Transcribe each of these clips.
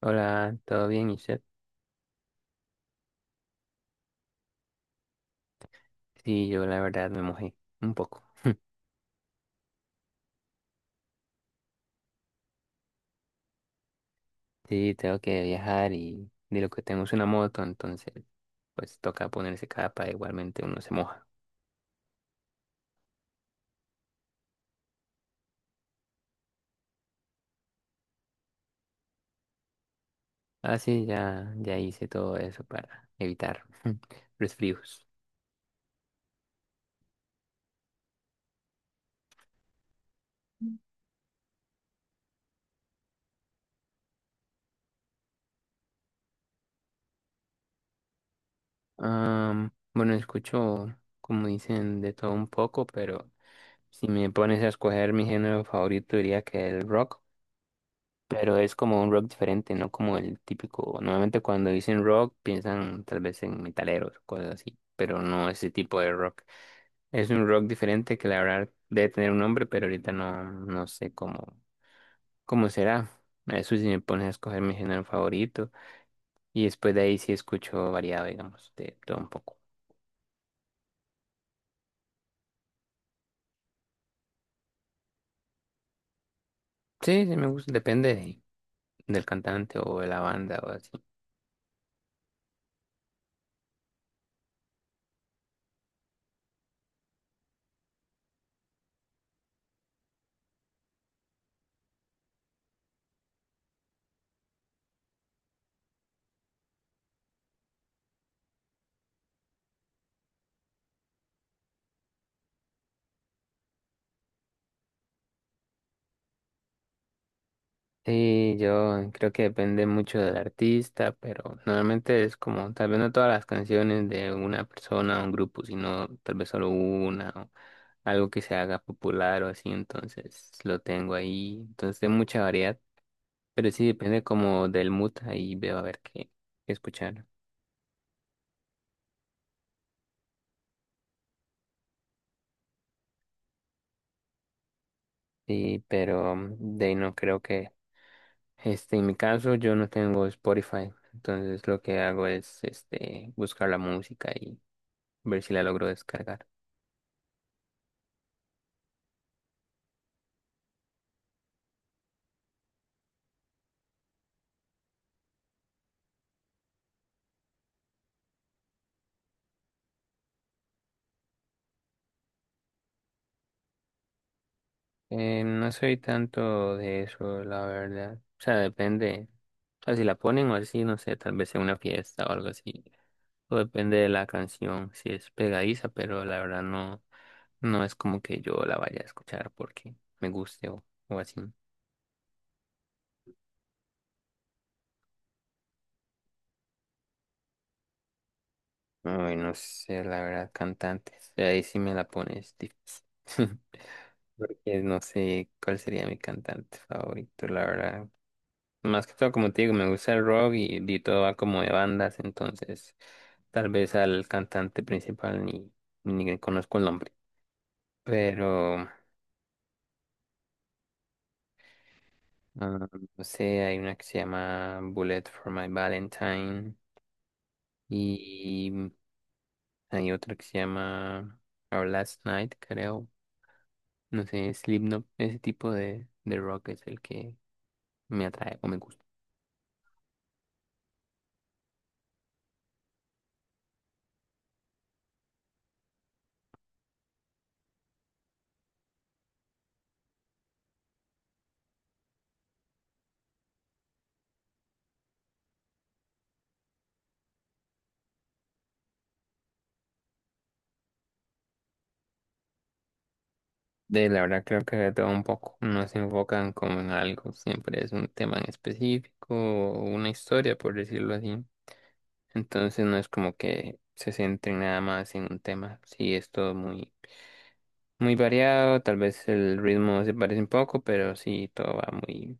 Hola, ¿todo bien, Isaac? Sí, yo la verdad me mojé un poco. Sí, tengo que viajar y de lo que tengo es una moto, entonces pues toca ponerse capa, igualmente uno se moja. Ah, sí, ya, ya hice todo eso para evitar resfríos. Bueno, escucho, como dicen, de todo un poco, pero si me pones a escoger mi género favorito diría que el rock. Pero es como un rock diferente, no como el típico. Normalmente cuando dicen rock piensan tal vez en metaleros cosas así, pero no ese tipo de rock. Es un rock diferente que la verdad debe tener un nombre, pero ahorita no, no sé cómo, cómo será. Eso si me pones a escoger mi género favorito y después de ahí sí escucho variado, digamos, de todo un poco. Sí, sí me gusta, depende del cantante o de la banda o así. Sí, yo creo que depende mucho del artista, pero normalmente es como, tal vez no todas las canciones de una persona o un grupo, sino tal vez solo una o algo que se haga popular o así, entonces lo tengo ahí. Entonces hay mucha variedad, pero sí depende como del mood, ahí veo a ver qué, qué escuchar. Sí, pero de ahí no creo que, este, en mi caso yo no tengo Spotify, entonces lo que hago es, este, buscar la música y ver si la logro descargar. No soy tanto de eso, la verdad. O sea, depende. O sea, si la ponen o así, no sé, tal vez en una fiesta o algo así. O depende de la canción, si es pegadiza, pero la verdad no, no es como que yo la vaya a escuchar porque me guste o así. Ay, no sé, la verdad, cantantes. Ahí sí me la pones difícil. Porque no sé cuál sería mi cantante favorito, la verdad. Más que todo, como te digo, me gusta el rock y todo va como de bandas, entonces tal vez al cantante principal ni le conozco el nombre. Pero, ah, no sé, hay una que se llama Bullet for My Valentine y hay otra que se llama Our Last Night, creo. No sé, Slipknot, ese tipo de rock es el que me atrae o me gusta. De la verdad creo que de todo un poco, no se enfocan como en algo, siempre es un tema en específico o una historia, por decirlo así. Entonces no es como que se centren nada más en un tema. Sí, es todo muy, muy variado, tal vez el ritmo se parece un poco, pero sí, todo va muy,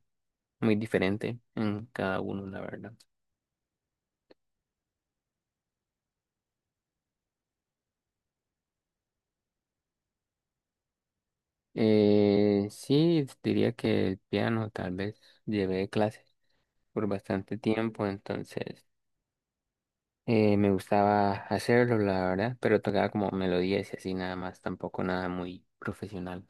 muy diferente en cada uno, la verdad. Sí, diría que el piano tal vez llevé clases por bastante tiempo, entonces... me gustaba hacerlo, la verdad, pero tocaba como melodías y así nada más, tampoco nada muy profesional.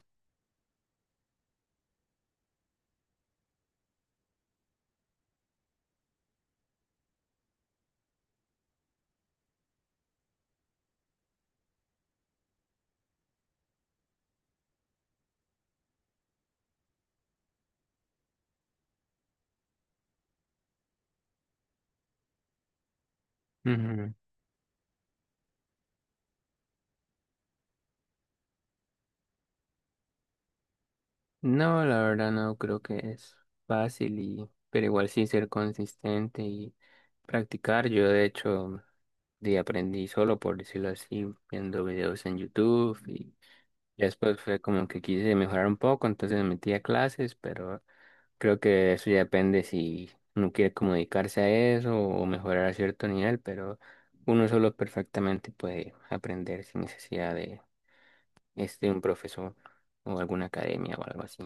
Ujú. No, la verdad no creo que es fácil y, pero igual sí ser consistente y practicar. Yo de hecho de aprendí solo, por decirlo así, viendo videos en YouTube y ya después fue como que quise mejorar un poco, entonces me metí a clases, pero creo que eso ya depende si uno quiere como dedicarse a eso o mejorar a cierto nivel, pero uno solo perfectamente puede aprender sin necesidad de, este, un profesor o alguna academia o algo así.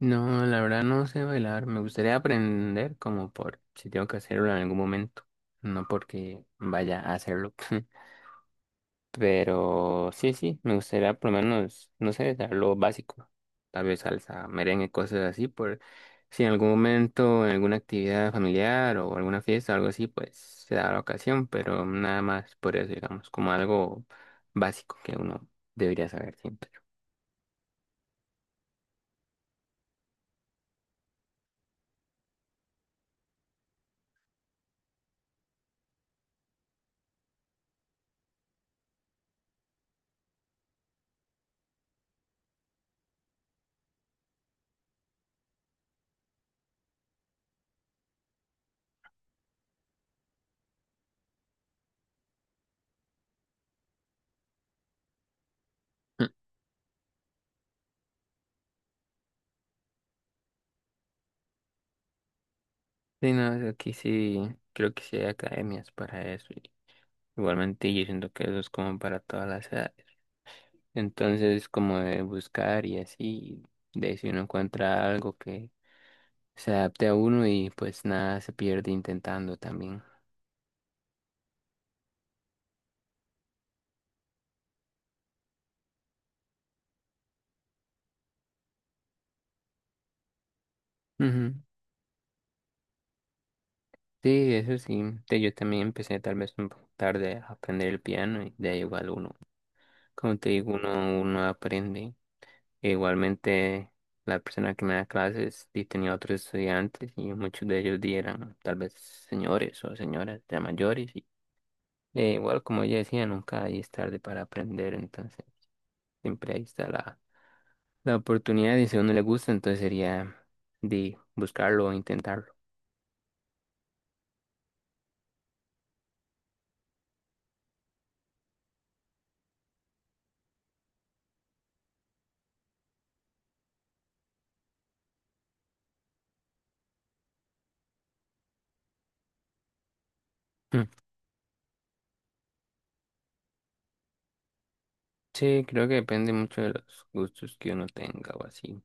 No, la verdad no sé bailar. Me gustaría aprender como por si tengo que hacerlo en algún momento, no porque vaya a hacerlo. Pero sí, sí, me gustaría por lo menos, no sé, dar lo básico. Tal vez salsa, merengue, cosas así, por si en algún momento, en alguna actividad familiar o alguna fiesta o algo así, pues se da la ocasión, pero nada más por eso, digamos, como algo básico que uno debería saber siempre. Mm. Sí, no, aquí sí, creo que sí hay academias para eso. Y igualmente yo siento que eso es como para todas las edades. Entonces, como de buscar y así, de si uno encuentra algo que se adapte a uno y pues nada se pierde intentando también. Ujú. Sí, eso sí. Te- Yo también empecé tal vez un poco tarde a aprender el piano y de ahí igual uno, como te digo, uno aprende. E igualmente la persona que me da clases y tenía otros estudiantes y muchos de ellos di eran tal vez señores o señoras ya mayores y e igual como ella decía, nunca ahí es tarde para aprender, entonces siempre ahí está la oportunidad y si a uno le gusta, entonces sería de buscarlo o intentarlo. Mm. Sí, creo que depende mucho de los gustos que uno tenga o así.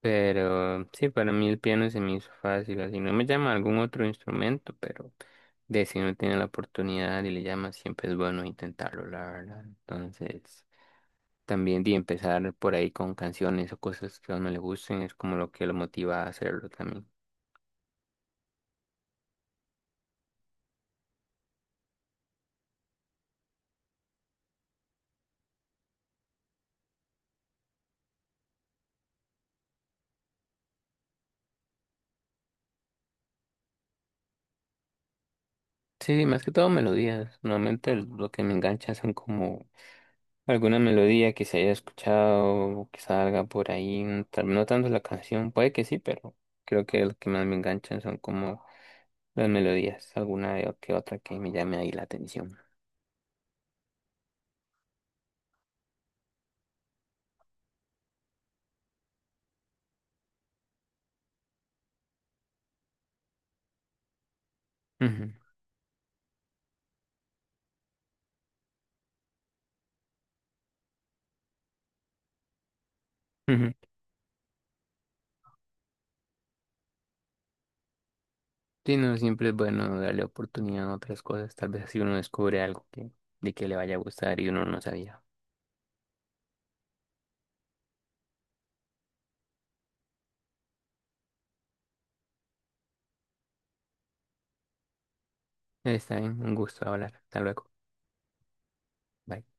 Pero sí, para mí el piano se me hizo fácil, así no me llama algún otro instrumento, pero de si uno tiene la oportunidad y le llama, siempre es bueno intentarlo, la verdad. Entonces, también de empezar por ahí con canciones o cosas que a uno le gusten, es como lo que lo motiva a hacerlo también. Sí, más que todo melodías. Normalmente lo que me engancha son como alguna melodía que se haya escuchado o que salga por ahí, no tan no tanto la canción, puede que sí, pero creo que lo que más me enganchan son como las melodías, alguna de- que otra que me llame ahí la atención. Ujú, ujú. Sí, no, siempre es bueno darle oportunidad a otras cosas, tal vez así uno descubre algo que, de que le vaya a gustar y uno no sabía. Está bien, un gusto hablar, hasta luego. Bye.